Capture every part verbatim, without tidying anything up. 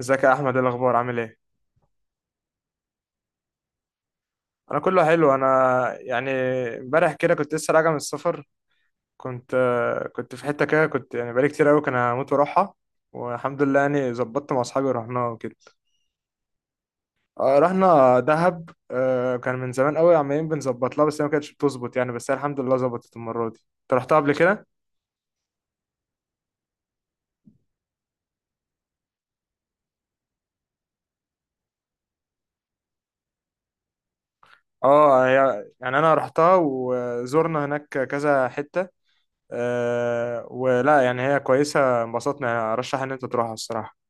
ازيك يا احمد؟ إيه الاخبار؟ عامل ايه؟ انا كله حلو. انا يعني امبارح كده كنت لسه راجع من السفر. كنت كنت في حته كده كنت يعني بقالي كتير قوي كان هموت واروحها. والحمد لله يعني ظبطت مع اصحابي ورحناها وكده. آه، رحنا دهب. آه، كان من زمان قوي عمالين بنظبط لها، بس هي ما كانتش بتظبط يعني، بس هي الحمد لله ظبطت المره دي. انت رحتها قبل كده؟ اه، هي- يعني انا رحتها وزورنا هناك كذا حته. آه، ولا يعني هي كويسه، انبسطنا يعني، ارشح ان انت تروحها الصراحه.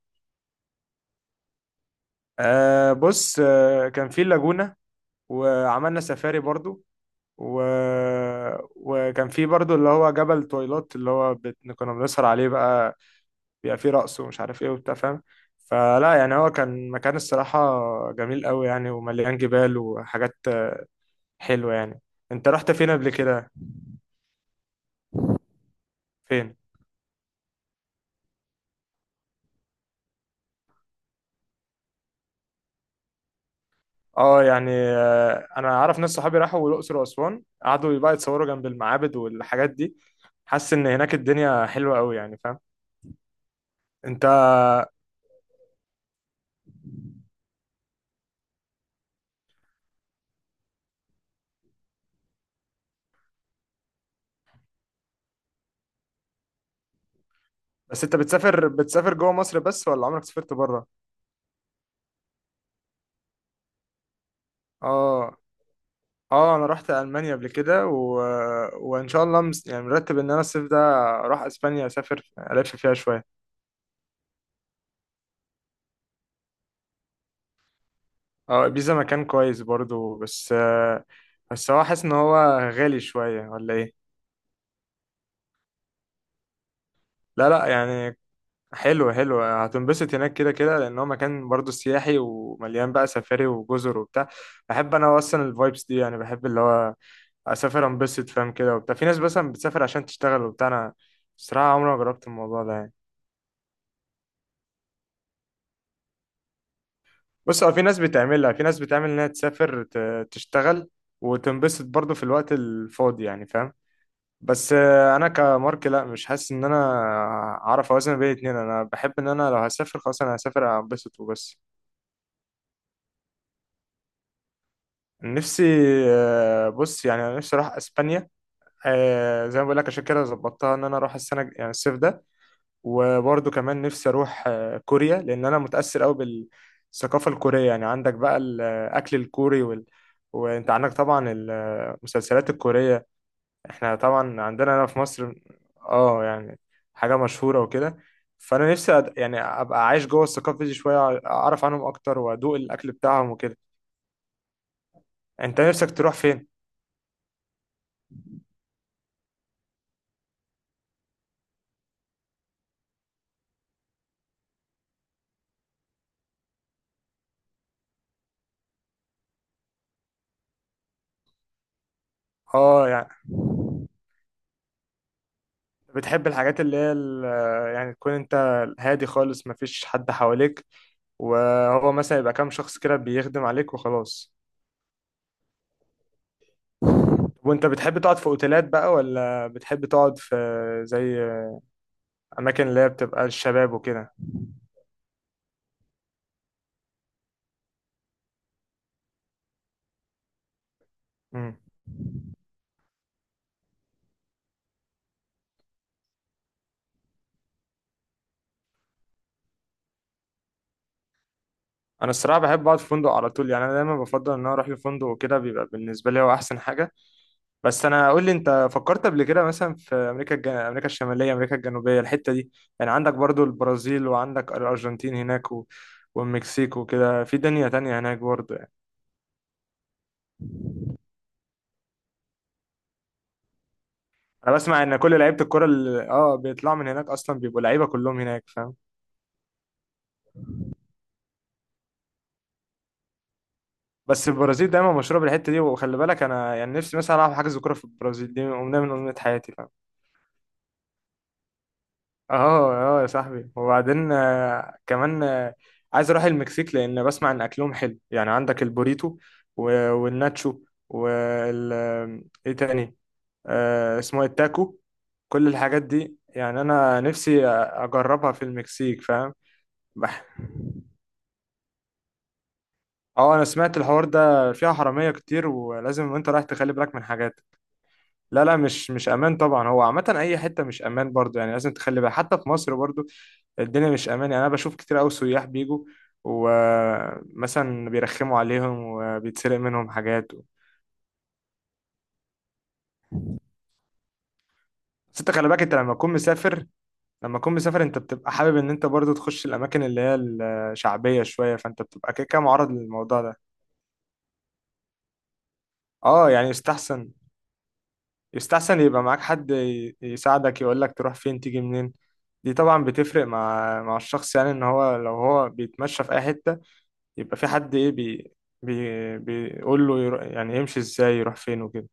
آه بص، آه كان في اللاجونة، وعملنا سفاري برضو، و... وكان في برضو اللي هو جبل تويلات اللي هو بت... كنا بنسهر عليه بقى، بيبقى فيه رقص ومش عارف ايه وبتاع، فاهم؟ فلا يعني هو كان مكان الصراحة جميل قوي يعني، ومليان جبال وحاجات حلوة يعني. انت رحت فين قبل كده؟ فين؟ اه يعني، آه انا اعرف ناس صحابي راحوا الاقصر واسوان، قعدوا بقى يتصوروا جنب المعابد والحاجات دي. حاسس ان هناك الدنيا حلوة قوي يعني، فاهم؟ انت بس انت بتسافر بتسافر جوه مصر بس، ولا عمرك سافرت بره؟ اه، اه، انا رحت المانيا قبل كده، و... وان شاء الله مس... يعني مرتب ان انا الصيف ده اروح اسبانيا، اسافر الف فيها شويه. اه، بيزا مكان كويس برضو، بس آه، بس هو حاسس ان هو غالي شويه ولا ايه؟ لا لا يعني حلو حلو، هتنبسط هناك كده كده، لان هو مكان برضو سياحي، ومليان بقى سفاري وجزر وبتاع. بحب انا اصلا الفايبس دي يعني، بحب اللي هو اسافر انبسط، فاهم كده وبتاع. في ناس مثلا بتسافر عشان تشتغل وبتاع، انا الصراحه عمري ما جربت الموضوع ده يعني. بص، هو في ناس بتعملها، في ناس بتعمل انها تسافر ت- تشتغل وتنبسط برضه في الوقت الفاضي يعني، فاهم؟ بس آه، انا كمارك لا، مش حاسس ان انا اعرف اوازن بين الاتنين. انا بحب ان انا لو هسافر خلاص انا هسافر انبسط وبس. نفسي آه، بص يعني انا نفسي اروح اسبانيا. آه، زي ما بقول لك، عشان كده ظبطتها ان انا اروح السنه يعني الصيف ده. وبرضه كمان نفسي اروح آه، كوريا، لان انا متاثر قوي بالثقافه الكوريه يعني. عندك بقى الاكل الكوري وال... وانت عندك طبعا المسلسلات الكوريه، احنا طبعا عندنا هنا في مصر. اه يعني حاجه مشهوره وكده. فانا نفسي أد... يعني ابقى عايش جوه الثقافه دي شويه، اعرف عنهم اكتر وادوق الاكل بتاعهم وكده. انت نفسك تروح فين؟ اه يعني، بتحب الحاجات اللي هي ال- آه، يعني تكون انت هادي خالص، مفيش حد حواليك، وهو مثلا يبقى كام شخص كده بيخدم عليك وخلاص. وانت بتحب تقعد في اوتيلات بقى ولا بتحب تقعد في زي اماكن اللي هي بتبقى الشباب وكده؟ مم. انا الصراحه بحب اقعد في فندق على طول يعني، انا دايما بفضل ان انا اروح لفندق وكده، بيبقى بالنسبه لي هو احسن حاجه. بس انا قول لي، انت فكرت قبل كده مثلا في امريكا، الج... امريكا الشماليه، امريكا الجنوبيه، الحته دي؟ يعني عندك برضو البرازيل، وعندك الارجنتين هناك، و... والمكسيك وكده، في دنيا تانية هناك برضو. انا بسمع ان كل لعيبه الكره اللي اه بيطلعوا من هناك اصلا بيبقوا لعيبه كلهم هناك، فاهم؟ بس البرازيل دايما مشهوره بالحته دي، وخلي بالك انا يعني نفسي مثلا العب حجز كوره في البرازيل، دي امنيه من امنيات حياتي، فاهم؟ اه، اه يا صاحبي. وبعدين آه، كمان آه، عايز اروح المكسيك، لان بسمع ان اكلهم حلو يعني. عندك البوريتو و- والناتشو، وال ايه تاني؟ آه، اسمه إيه؟ التاكو. كل الحاجات دي يعني، انا نفسي أ- اجربها في المكسيك، فاهم؟ بح- اه، انا سمعت الحوار ده، فيها حراميه كتير، ولازم وانت رايح تخلي بالك من حاجات. لا لا، مش مش امان طبعا. هو عامه اي حته مش امان برضو يعني، لازم تخلي بالك حتى في مصر برضو. الدنيا مش امان يعني، انا بشوف كتير قوي سياح بيجوا، ومثلا بيرخموا عليهم وبيتسرق منهم حاجات. و... بس انت خلي بالك، انت لما تكون مسافر، لما تكون مسافر انت بتبقى حابب ان انت برضو تخش الاماكن اللي هي الشعبيه شويه، فانت بتبقى كده كده معرض للموضوع ده. اه يعني يستحسن، يستحسن يبقى معاك حد ي- يساعدك يقولك تروح فين تيجي منين. دي طبعا بتفرق مع مع الشخص يعني، ان هو لو هو بيتمشى في اي حتة، يبقى في حد ايه بي بي بيقول له يرو... يعني يمشي ازاي يروح فين وكده.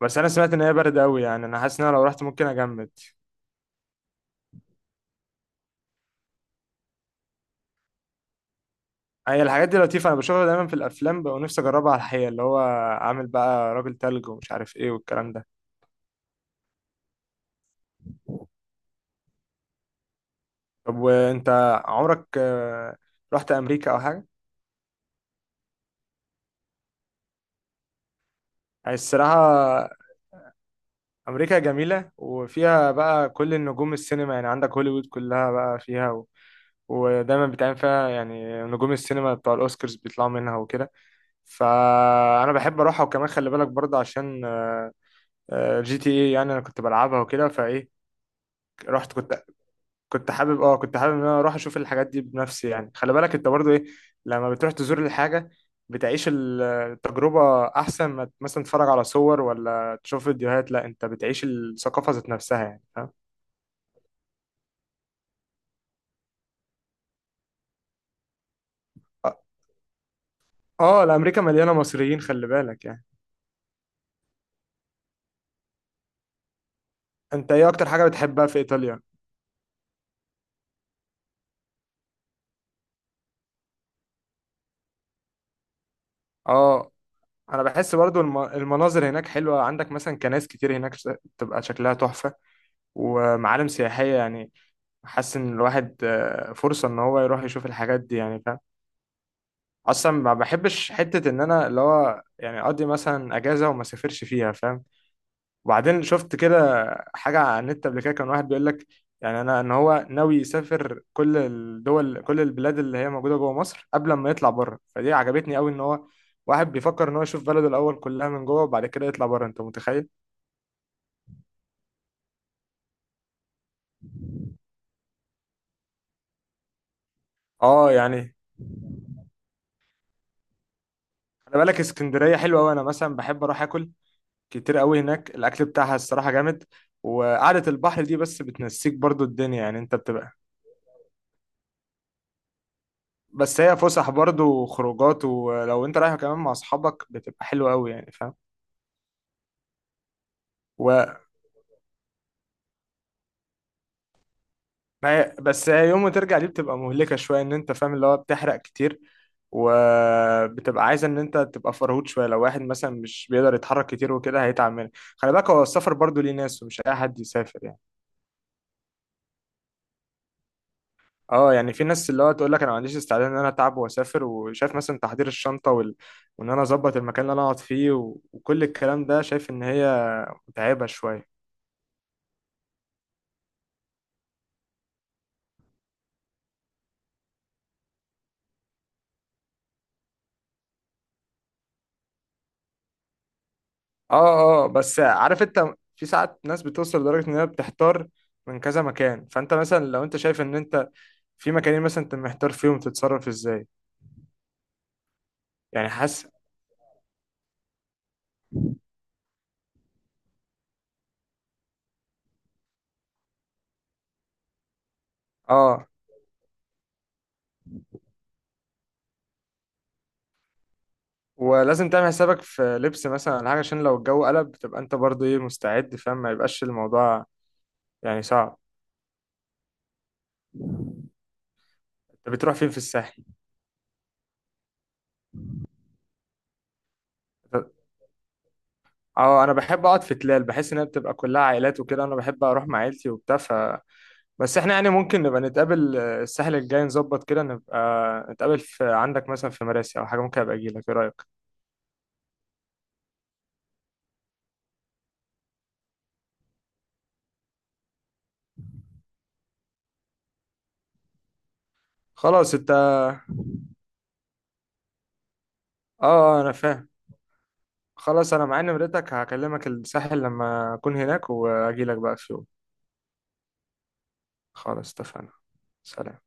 بس انا سمعت ان هي برد قوي يعني، انا حاسس ان انا لو رحت ممكن اجمد. هي الحاجات دي لطيفة، انا بشوفها دايما في الافلام بقى، ونفسي اجربها على الحقيقة، اللي هو عامل بقى راجل تلج ومش عارف ايه والكلام ده. طب وانت، عمرك آه، رحت امريكا او حاجة؟ يعني الصراحة أمريكا جميلة، وفيها بقى كل النجوم السينما يعني، عندك هوليوود كلها بقى فيها، و... ودايما بتعمل فيها يعني نجوم السينما بتوع الأوسكارز بيطلعوا منها وكده. فأنا بحب أروحها. وكمان خلي بالك برضه عشان آه، آه، جي تي اي يعني، أنا كنت بلعبها وكده، فإيه، رحت. كنت كنت حابب، اه، كنت حابب ان انا اروح اشوف الحاجات دي بنفسي يعني. خلي بالك انت برضو ايه، لما بتروح تزور الحاجة بتعيش ال- التجربة، احسن ما مثلا تتفرج على صور ولا تشوف فيديوهات، لا انت بتعيش الثقافة ذات نفسها يعني، فاهم؟ اه. آه، الامريكا مليانة مصريين خلي بالك يعني. انت ايه اكتر حاجة بتحبها في ايطاليا؟ اه، انا بحس برضو الم- المناظر هناك حلوة، عندك مثلا كنائس كتير هناك، ش- بتبقى شكلها تحفة ومعالم سياحية يعني. حاسس ان الواحد آه، فرصة ان هو يروح يشوف الحاجات دي يعني، فاهم؟ اصلا ما بحبش حته ان انا اللي هو يعني اقضي مثلا اجازه وما سافرش فيها، فاهم؟ وبعدين شفت كده حاجه على النت قبل كده، كان واحد بيقول لك يعني، انا ان هو ناوي يسافر كل الدول، كل البلاد اللي هي موجوده جوه مصر قبل ما يطلع بره، فدي عجبتني قوي، ان هو واحد بيفكر ان هو يشوف بلده الاول كلها من جوه وبعد كده يطلع بره، انت متخيل؟ اه يعني، خلي بالك اسكندريه حلوه قوي، انا مثلا بحب اروح اكل كتير قوي هناك، الاكل بتاعها الصراحه جامد. وقعده البحر دي بس بتنسيك برضو الدنيا يعني، انت بتبقى. بس هي فسح برضه وخروجات، ولو انت رايح كمان مع اصحابك بتبقى حلوه قوي يعني، فاهم؟ و ما هي- بس هي يوم ما ترجع دي بتبقى مهلكه شويه، ان انت فاهم اللي هو بتحرق كتير، وبتبقى عايز ان انت تبقى فرهود شويه. لو واحد مثلا مش بيقدر يتحرك كتير وكده هيتعب منك. خلي بالك هو السفر برضه ليه ناس، ومش اي حد يسافر يعني. اه يعني، في ناس اللي هو تقول لك انا ما عنديش استعداد ان انا اتعب واسافر، وشايف مثلا تحضير الشنطه وال... وان انا اظبط المكان اللي انا اقعد فيه، و... وكل الكلام ده، شايف ان هي متعبه شويه. اه، اه، آه، بس عارف انت، في ساعات ناس بتوصل لدرجة ان هي بتحتار من كذا مكان، فانت مثلا لو انت شايف ان انت في مكانين مثلا، انت محتار فيهم تتصرف ازاي؟ يعني حاسس. اه، ولازم تعمل حسابك في لبس مثلا ولا حاجة، عشان لو الجو قلب تبقى انت برضو ايه مستعد، فاهم؟ ما يبقاش الموضوع يعني صعب. انت بتروح فين في الساحل؟ اه، انا بحب اقعد في تلال، بحس ان هي بتبقى كلها عائلات وكده، انا بحب اروح مع عيلتي وبتاع. بس احنا يعني ممكن نبقى نتقابل آه، الساحل الجاي، نظبط كده نبقى نتقابل في عندك مثلا في مراسي او حاجه، ممكن ابقى اجي لك، ايه رايك؟ خلاص. انت اه. آه، انا فاهم. خلاص انا معايا نمرتك، هكلمك الساحل لما اكون هناك، واجي لك بقى في يوم. خلاص اتفقنا. سلام.